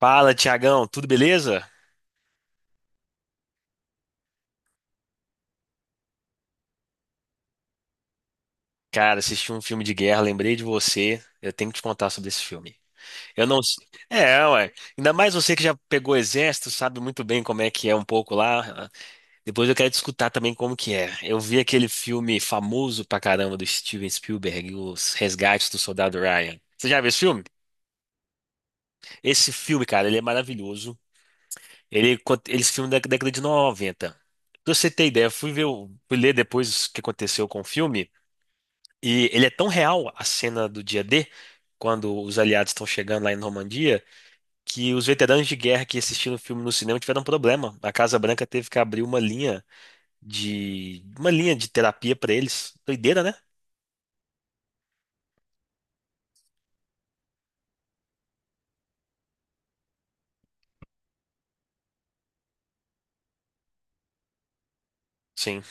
Fala, Tiagão, tudo beleza? Cara, assisti um filme de guerra, lembrei de você. Eu tenho que te contar sobre esse filme. Eu não. É, ué. Ainda mais você que já pegou exército, sabe muito bem como é que é um pouco lá. Depois eu quero te escutar também como que é. Eu vi aquele filme famoso pra caramba do Steven Spielberg, Os Resgates do Soldado Ryan. Você já viu esse filme? Esse filme, cara, ele é maravilhoso. Esse filme é da década de 90. Pra você ter ideia, eu fui ver, o- fui ler depois o que aconteceu com o filme. E ele é tão real, a cena do dia D, quando os aliados estão chegando lá em Normandia, que os veteranos de guerra que assistiram o filme no cinema tiveram um problema. A Casa Branca teve que abrir uma linha de terapia para eles. Doideira, né? Sim.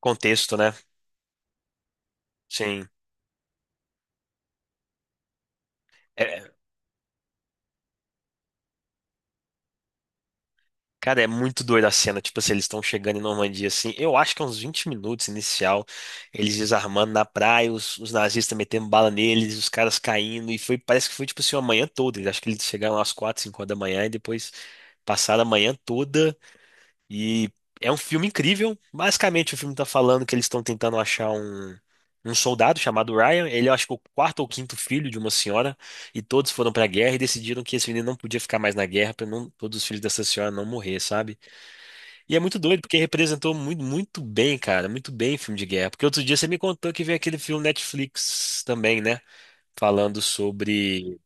Contexto, né? Sim. É, cara, é muito doida a cena. Tipo assim, eles estão chegando em Normandia, assim. Eu acho que é uns 20 minutos inicial. Eles desarmando na praia, os nazistas metendo bala neles, os caras caindo. E foi, parece que foi, tipo assim, uma manhã toda. Acho que eles chegaram às 4, 5 horas da manhã e depois passaram a manhã toda. E é um filme incrível. Basicamente, o filme tá falando que eles estão tentando achar um soldado chamado Ryan, ele eu acho que é o quarto ou quinto filho de uma senhora, e todos foram pra guerra e decidiram que esse menino não podia ficar mais na guerra para não todos os filhos dessa senhora não morrer, sabe? E é muito doido, porque representou muito, muito bem, cara, muito bem filme de guerra. Porque outro dia você me contou que veio aquele filme Netflix também, né? Falando sobre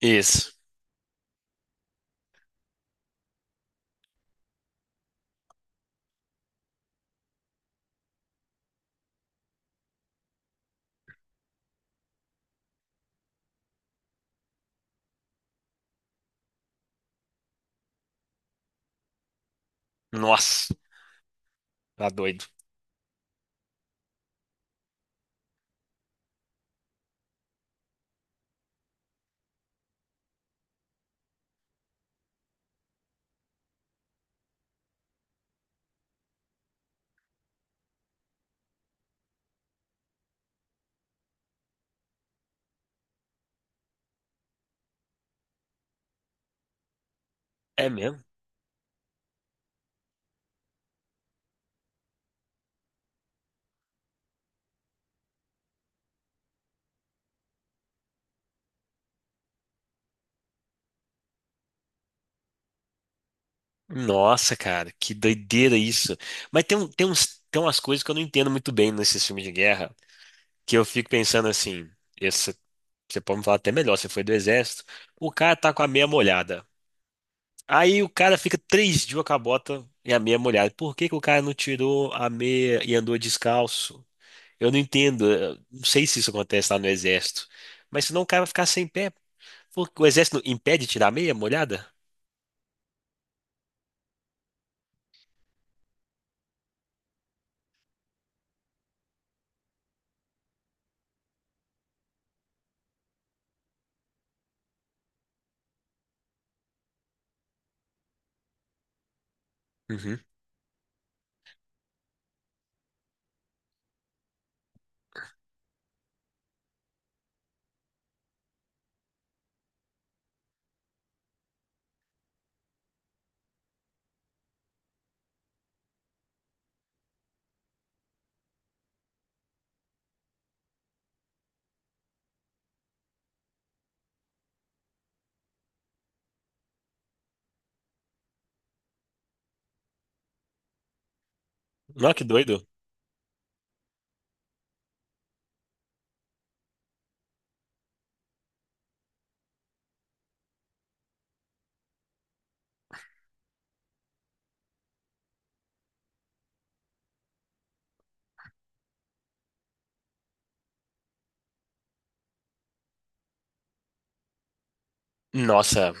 isso. Nossa, tá doido. É mesmo? Nossa, cara, que doideira isso. Mas tem, um- tem uns, tem umas coisas que eu não entendo muito bem nesses filmes de guerra, que eu fico pensando assim, esse, você pode me falar até melhor, você foi do exército, o cara tá com a meia molhada. Aí o cara fica 3 dias com a bota e a meia molhada. Por que que o cara não tirou a meia e andou descalço? Eu não entendo. Eu não sei se isso acontece lá no exército. Mas senão o cara vai ficar sem pé. Porque o exército não impede de tirar a meia molhada? Uhum. Não, que doido. Nossa,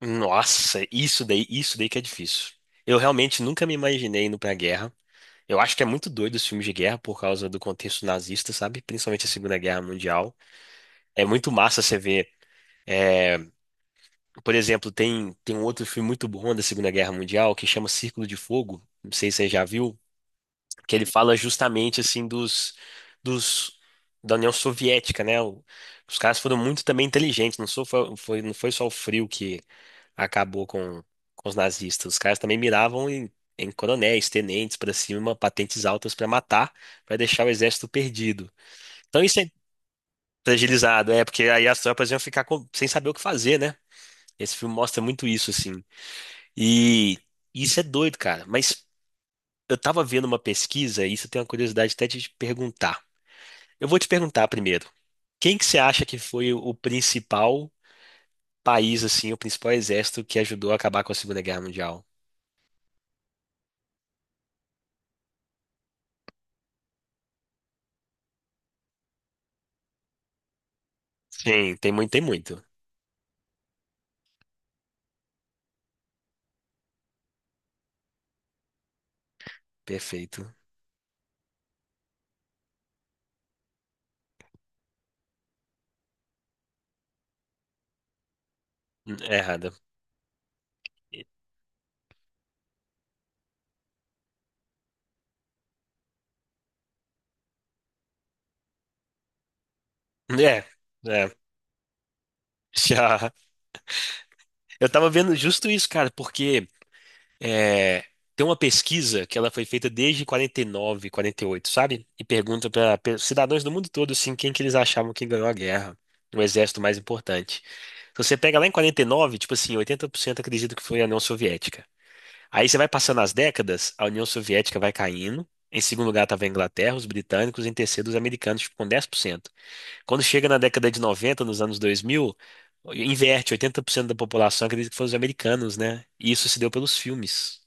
nossa, isso daí que é difícil. Eu realmente nunca me imaginei indo pra guerra. Eu acho que é muito doido os filmes de guerra por causa do contexto nazista, sabe? Principalmente a Segunda Guerra Mundial. É muito massa você ver. Por exemplo, tem um outro filme muito bom da Segunda Guerra Mundial que chama Círculo de Fogo. Não sei se você já viu, que ele fala justamente assim dos, dos da União Soviética, né? Os caras foram muito também inteligentes, não foi só o frio que acabou com os nazistas. Os caras também miravam em coronéis, tenentes para cima, patentes altas para matar, para deixar o exército perdido. Então isso é fragilizado, é, porque aí as tropas iam ficar sem saber o que fazer, né? Esse filme mostra muito isso, assim. E isso é doido, cara. Mas eu tava vendo uma pesquisa, e isso eu tenho uma curiosidade até de te perguntar. Eu vou te perguntar primeiro, quem que você acha que foi o principal país, assim, o principal exército que ajudou a acabar com a Segunda Guerra Mundial? Sim, tem muito, tem muito. Perfeito. É errada. É, é. Já. Eu tava vendo justo isso, cara, porque é, tem uma pesquisa que ela foi feita desde 49, 48, sabe? E pergunta para cidadãos do mundo todo, assim, quem que eles achavam que ganhou a guerra, o exército mais importante. Se você pega lá em 49, tipo assim, 80% acredita que foi a União Soviética. Aí você vai passando as décadas, a União Soviética vai caindo. Em segundo lugar estava a Inglaterra, os britânicos, em terceiro os americanos, tipo, com 10%. Quando chega na década de 90, nos anos 2000, inverte, 80% da população acredita que foram os americanos, né? E isso se deu pelos filmes.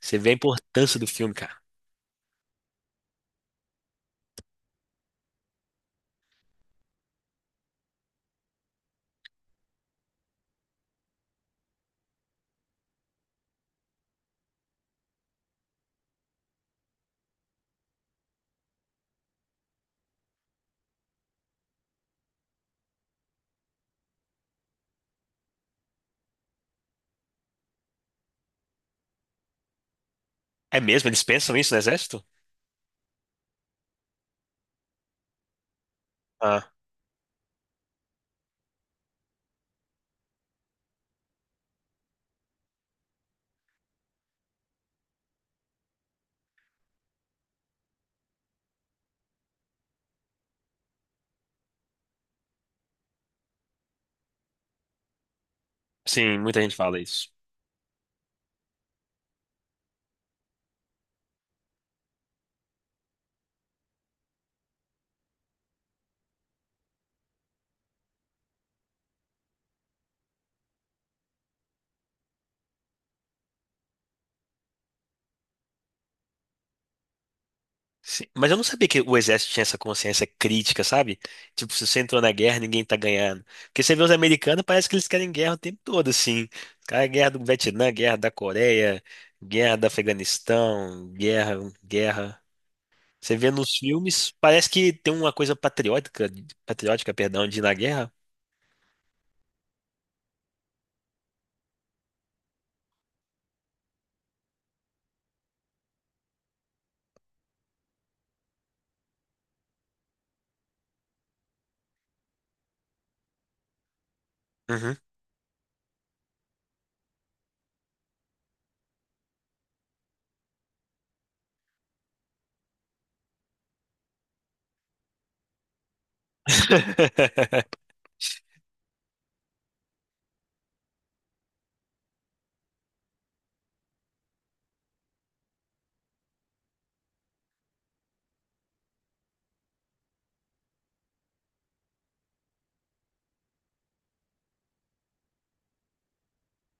Você vê a importância do filme, cara. É mesmo? Eles pensam isso no exército? Ah, sim, muita gente fala isso. Sim, mas eu não sabia que o exército tinha essa consciência crítica, sabe? Tipo, se você entrou na guerra, ninguém tá ganhando. Porque você vê os americanos, parece que eles querem guerra o tempo todo, assim. Cara, guerra do Vietnã, guerra da Coreia, guerra do Afeganistão, guerra, guerra. Você vê nos filmes, parece que tem uma coisa patriótica, patriótica, perdão, de ir na guerra. Uhum.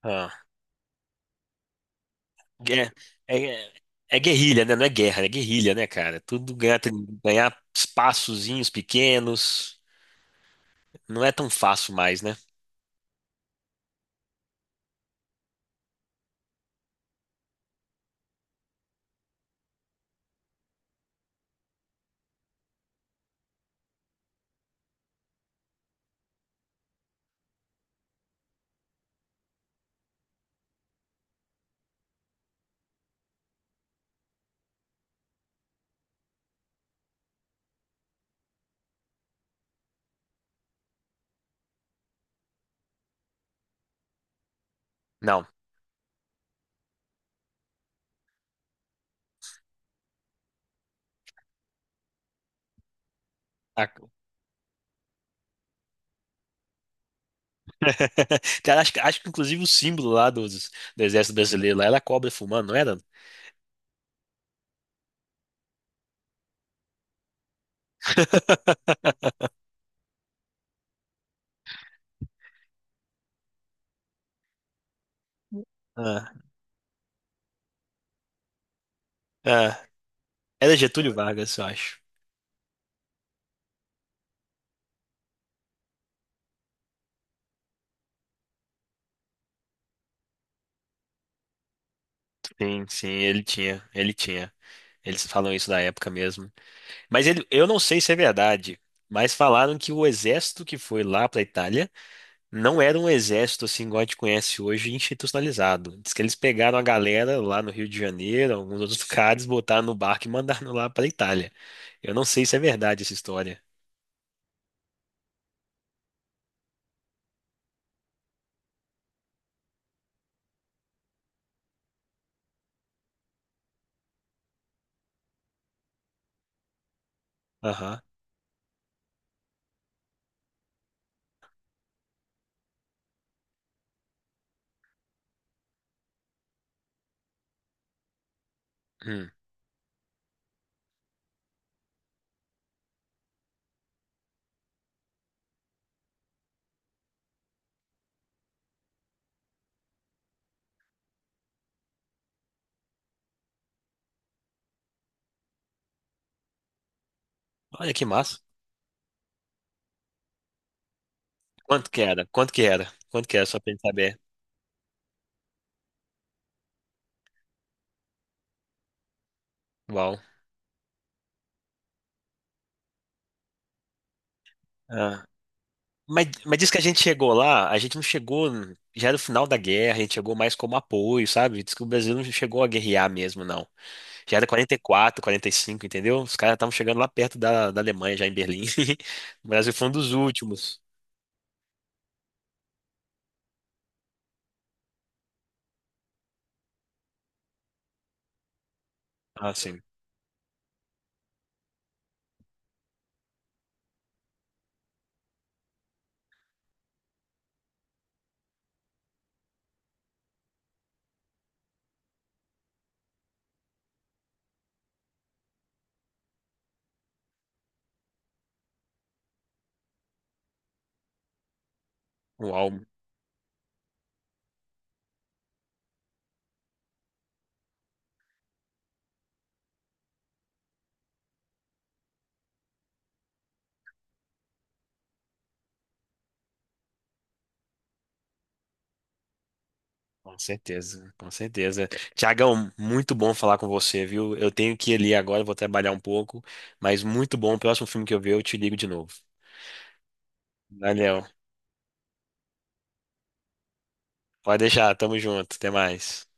Ah, gue- é, é guerrilha, né? Não é guerra, é guerrilha, né, cara? Tudo ganhar espaçozinhos pequenos. Não é tão fácil mais, né? Não. A- Cara, acho que inclusive o símbolo lá do Exército Brasileiro lá era a cobra fumando, não era? Ah, ah. Era Getúlio Vargas, eu acho. Sim, sim, ele tinha. Eles falam isso da época mesmo. Mas eu não sei se é verdade, mas falaram que o exército que foi lá para a Itália não era um exército assim igual a gente conhece hoje, institucionalizado. Diz que eles pegaram a galera lá no Rio de Janeiro, alguns outros lugares, botaram no barco e mandaram lá para Itália. Eu não sei se é verdade essa história. Aham. Hum. Olha que massa. Quanto que era? Quanto que era? Quanto que era? Só pra gente saber. Uau. Ah. Mas diz que a gente chegou lá, a gente não chegou. Já era o final da guerra, a gente chegou mais como apoio, sabe? Diz que o Brasil não chegou a guerrear mesmo, não. Já era 44, 45, entendeu? Os caras estavam chegando lá perto da Alemanha, já em Berlim. O Brasil foi um dos últimos. Ah, sim. Uau, com certeza, com certeza. Tiagão, muito bom falar com você, viu? Eu tenho que ir ali agora, vou trabalhar um pouco, mas muito bom. O próximo filme que eu ver, eu te ligo de novo. Valeu. Pode deixar, tamo junto. Até mais.